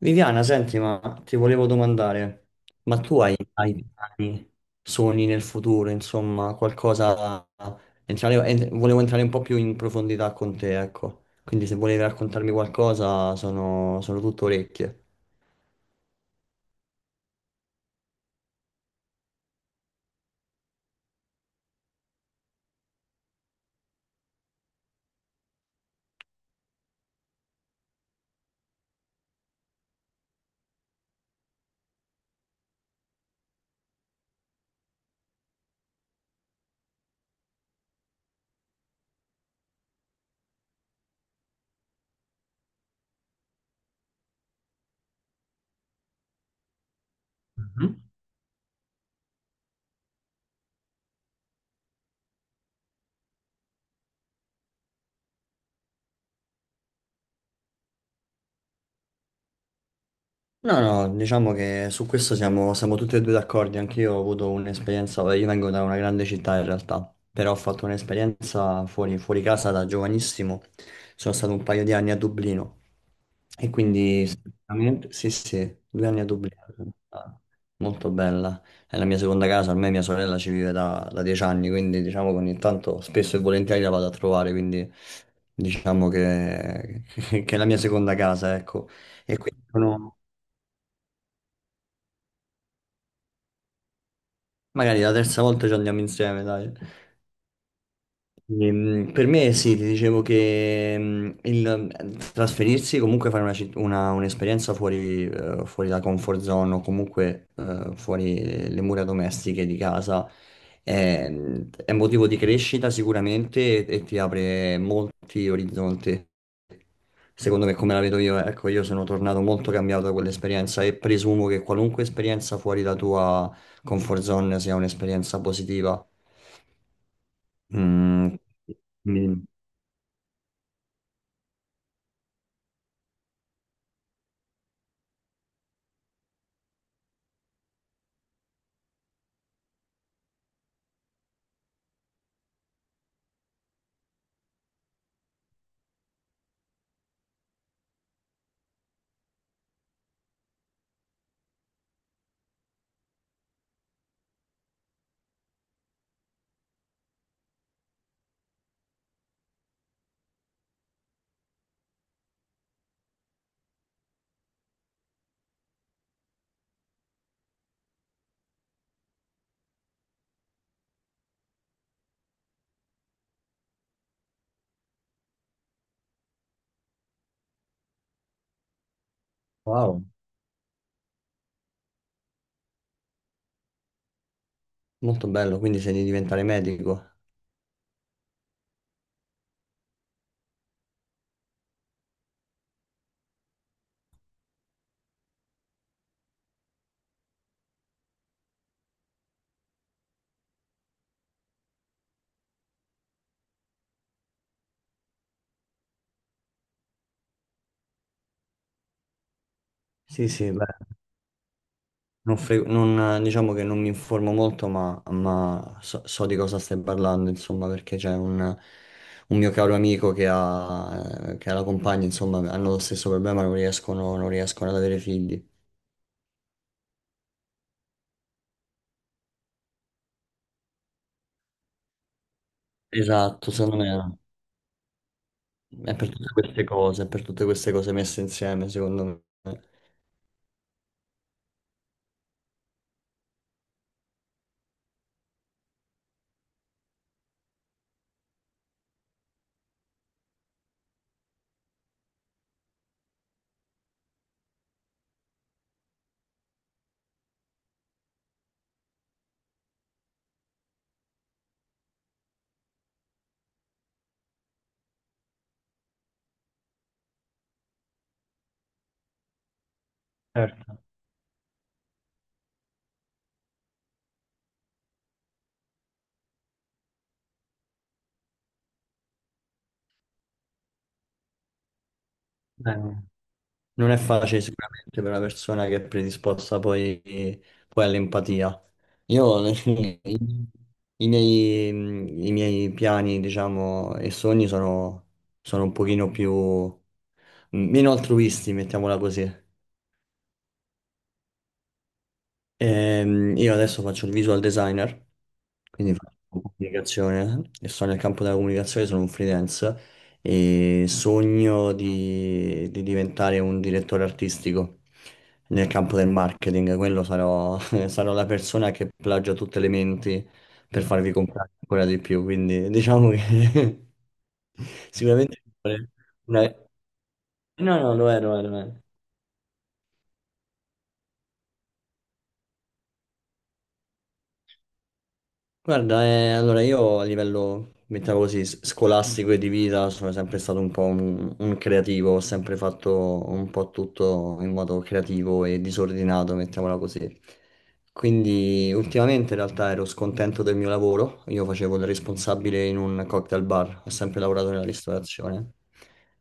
Viviana, senti, ma ti volevo domandare, ma tu hai piani, sogni nel futuro, insomma, qualcosa... volevo entrare un po' più in profondità con te, ecco. Quindi se volevi raccontarmi qualcosa, sono tutto orecchie. Mhm. No, no, diciamo che su questo siamo tutti e due d'accordo. Anche io ho avuto un'esperienza, io vengo da una grande città in realtà, però ho fatto un'esperienza fuori casa da giovanissimo. Sono stato un paio di anni a Dublino e quindi sì, sì, due anni a Dublino. Sì, ah, molto bella. È la mia seconda casa, ormai mia sorella ci vive da dieci anni, quindi diciamo che ogni tanto spesso e volentieri la vado a trovare, quindi diciamo che, che è la mia seconda casa, ecco. E quindi sono- Magari la terza volta ci andiamo insieme, dai. Per me sì, ti dicevo che il trasferirsi, comunque fare una un'esperienza fuori, fuori la comfort zone o comunque fuori le mura domestiche di casa è, è motivo di crescita sicuramente e ti apre molti orizzonti. Secondo me, come la vedo io, ecco, io sono tornato molto cambiato da quell'esperienza e presumo che qualunque esperienza fuori la tua comfort zone sia un'esperienza positiva. Mm, mi- Wow, molto bello, quindi sei di diventare medico. Sì, sì, beh, non fre- non- diciamo che non mi informo molto, ma so, so di cosa stai parlando, insomma, perché c'è un mio caro amico che ha la compagna, insomma, hanno lo stesso problema, non riescono ad avere figli. Esatto, secondo me è per tutte queste cose, è per tutte queste cose messe insieme, secondo me. Certo. Eh, non è facile sicuramente per una persona che è predisposta poi, poi all'empatia. Io i miei, i miei piani, diciamo, e sogni sono un pochino più meno altruisti, mettiamola così. Io adesso faccio il visual designer, quindi faccio comunicazione, e sono nel campo della comunicazione, sono un freelance e sogno di diventare un direttore artistico nel campo del marketing. Quello sarò, sarò la persona che plagia tutte le menti per farvi comprare ancora di più, quindi diciamo che sicuramente una... No, no, lo è, lo è, lo è. Guarda, allora io a livello, mettiamo così, scolastico e di vita sono sempre stato un po' un creativo, ho sempre fatto un po' tutto in modo creativo e disordinato, mettiamola così. Quindi ultimamente in realtà ero scontento del mio lavoro, io facevo il responsabile in un cocktail bar, ho sempre lavorato nella ristorazione,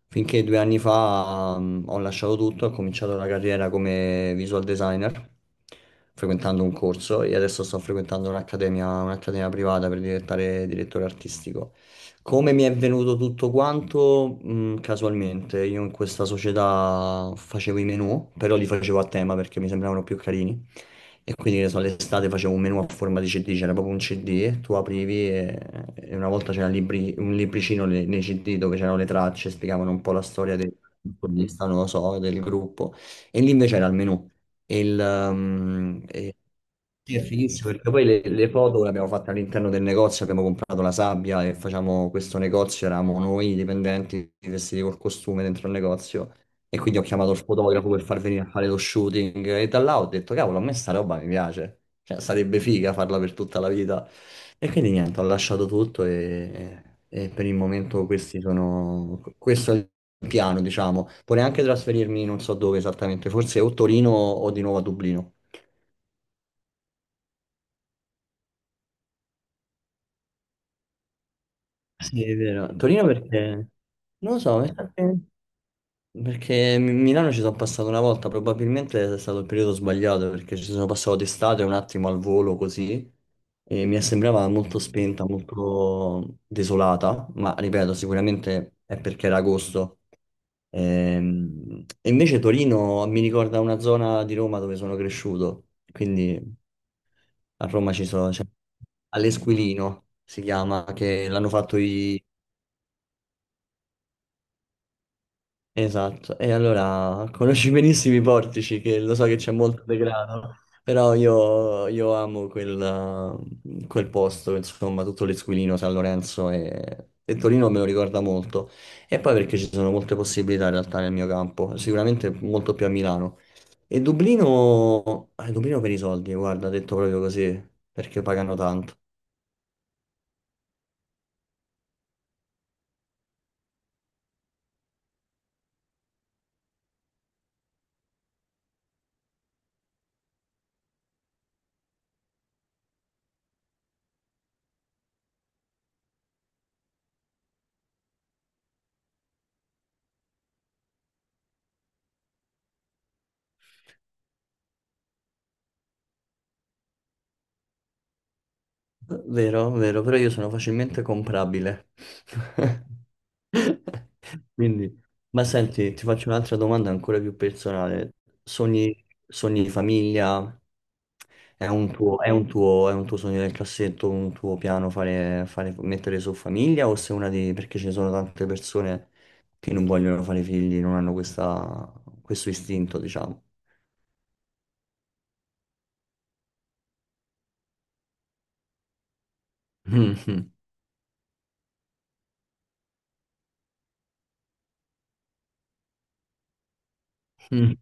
finché due anni fa ho lasciato tutto, ho cominciato la carriera come visual designer, frequentando un corso e adesso sto frequentando un'accademia, un'accademia privata per diventare direttore artistico. Come mi è venuto tutto quanto? Mm, casualmente, io in questa società facevo i menu, però li facevo a tema perché mi sembravano più carini. E quindi, che ne so, l'estate facevo un menu a forma di CD, c'era proprio un CD, tu aprivi e una volta un nei CD dove c'erano le tracce, spiegavano un po' la storia del protagonista, non lo so, del gruppo. E lì invece era il menu. E sì, è fighissimo perché poi le foto le abbiamo fatte all'interno del negozio, abbiamo comprato la sabbia e facciamo questo negozio, eravamo noi i dipendenti vestiti col costume dentro il negozio e quindi ho chiamato il fotografo per far venire a fare lo shooting e da là ho detto cavolo a me sta roba mi piace, cioè sarebbe figa farla per tutta la vita e quindi niente ho lasciato tutto e per il momento questo è il piano diciamo, vorrei anche trasferirmi non so dove esattamente, forse o Torino o di nuovo a Dublino. Sì, è vero. Torino perché... Non lo so, perché Milano ci sono passato una volta, probabilmente è stato il periodo sbagliato perché ci sono passato d'estate un attimo al volo così e mi sembrava molto spenta, molto desolata, ma ripeto, sicuramente è perché era agosto. E invece Torino mi ricorda una zona di Roma dove sono cresciuto, quindi a Roma ci sono... all'Esquilino si chiama, che l'hanno fatto esatto, e allora conosci benissimo i portici, che lo so che c'è molto degrado, però io amo quel posto, insomma, tutto l'Esquilino, San Lorenzo e Torino me lo ricorda molto. E poi perché ci sono molte possibilità in realtà nel mio campo, sicuramente molto più a Milano. E Dublino, Dublino per i soldi, guarda, detto proprio così, perché pagano tanto. Vero, vero, però io sono facilmente comprabile. Quindi, ma senti, ti faccio un'altra domanda ancora più personale. Sogni, sogni di famiglia? È un tuo, è un tuo, è un tuo sogno nel cassetto, un tuo piano fare, mettere su famiglia? O sei una di... perché ci sono tante persone che non vogliono fare figli, non hanno questa- questo istinto, diciamo. Mhm. Mm. Mm.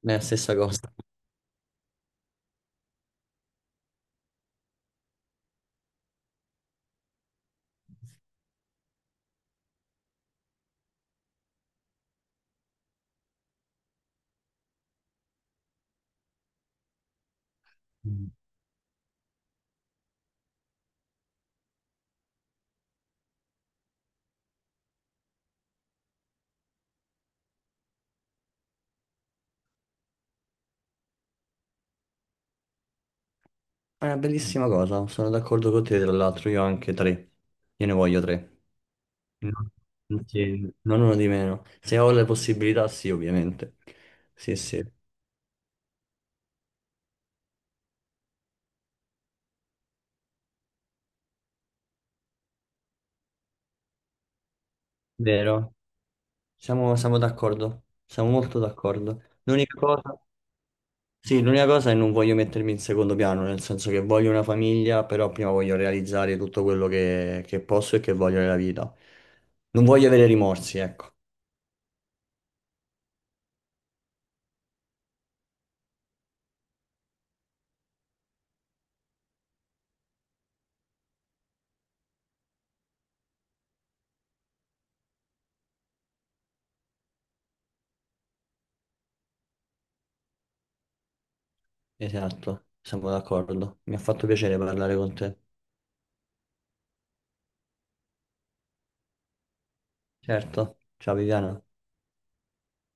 È la stessa cosa. Mm. È una bellissima cosa, sono d'accordo con te, tra l'altro io ho anche tre, io ne voglio tre. No, sì, non uno di meno. Se ho le possibilità, sì, ovviamente. Sì, sì. Vero? Siamo d'accordo. Siamo molto d'accordo. L'unica cosa, sì, l'unica cosa è non voglio mettermi in secondo piano, nel senso che voglio una famiglia, però prima voglio realizzare tutto quello che posso e che voglio nella vita. Non voglio avere rimorsi, ecco. Esatto, siamo d'accordo. Mi ha fatto piacere parlare con te. Certo. Ciao Viviana.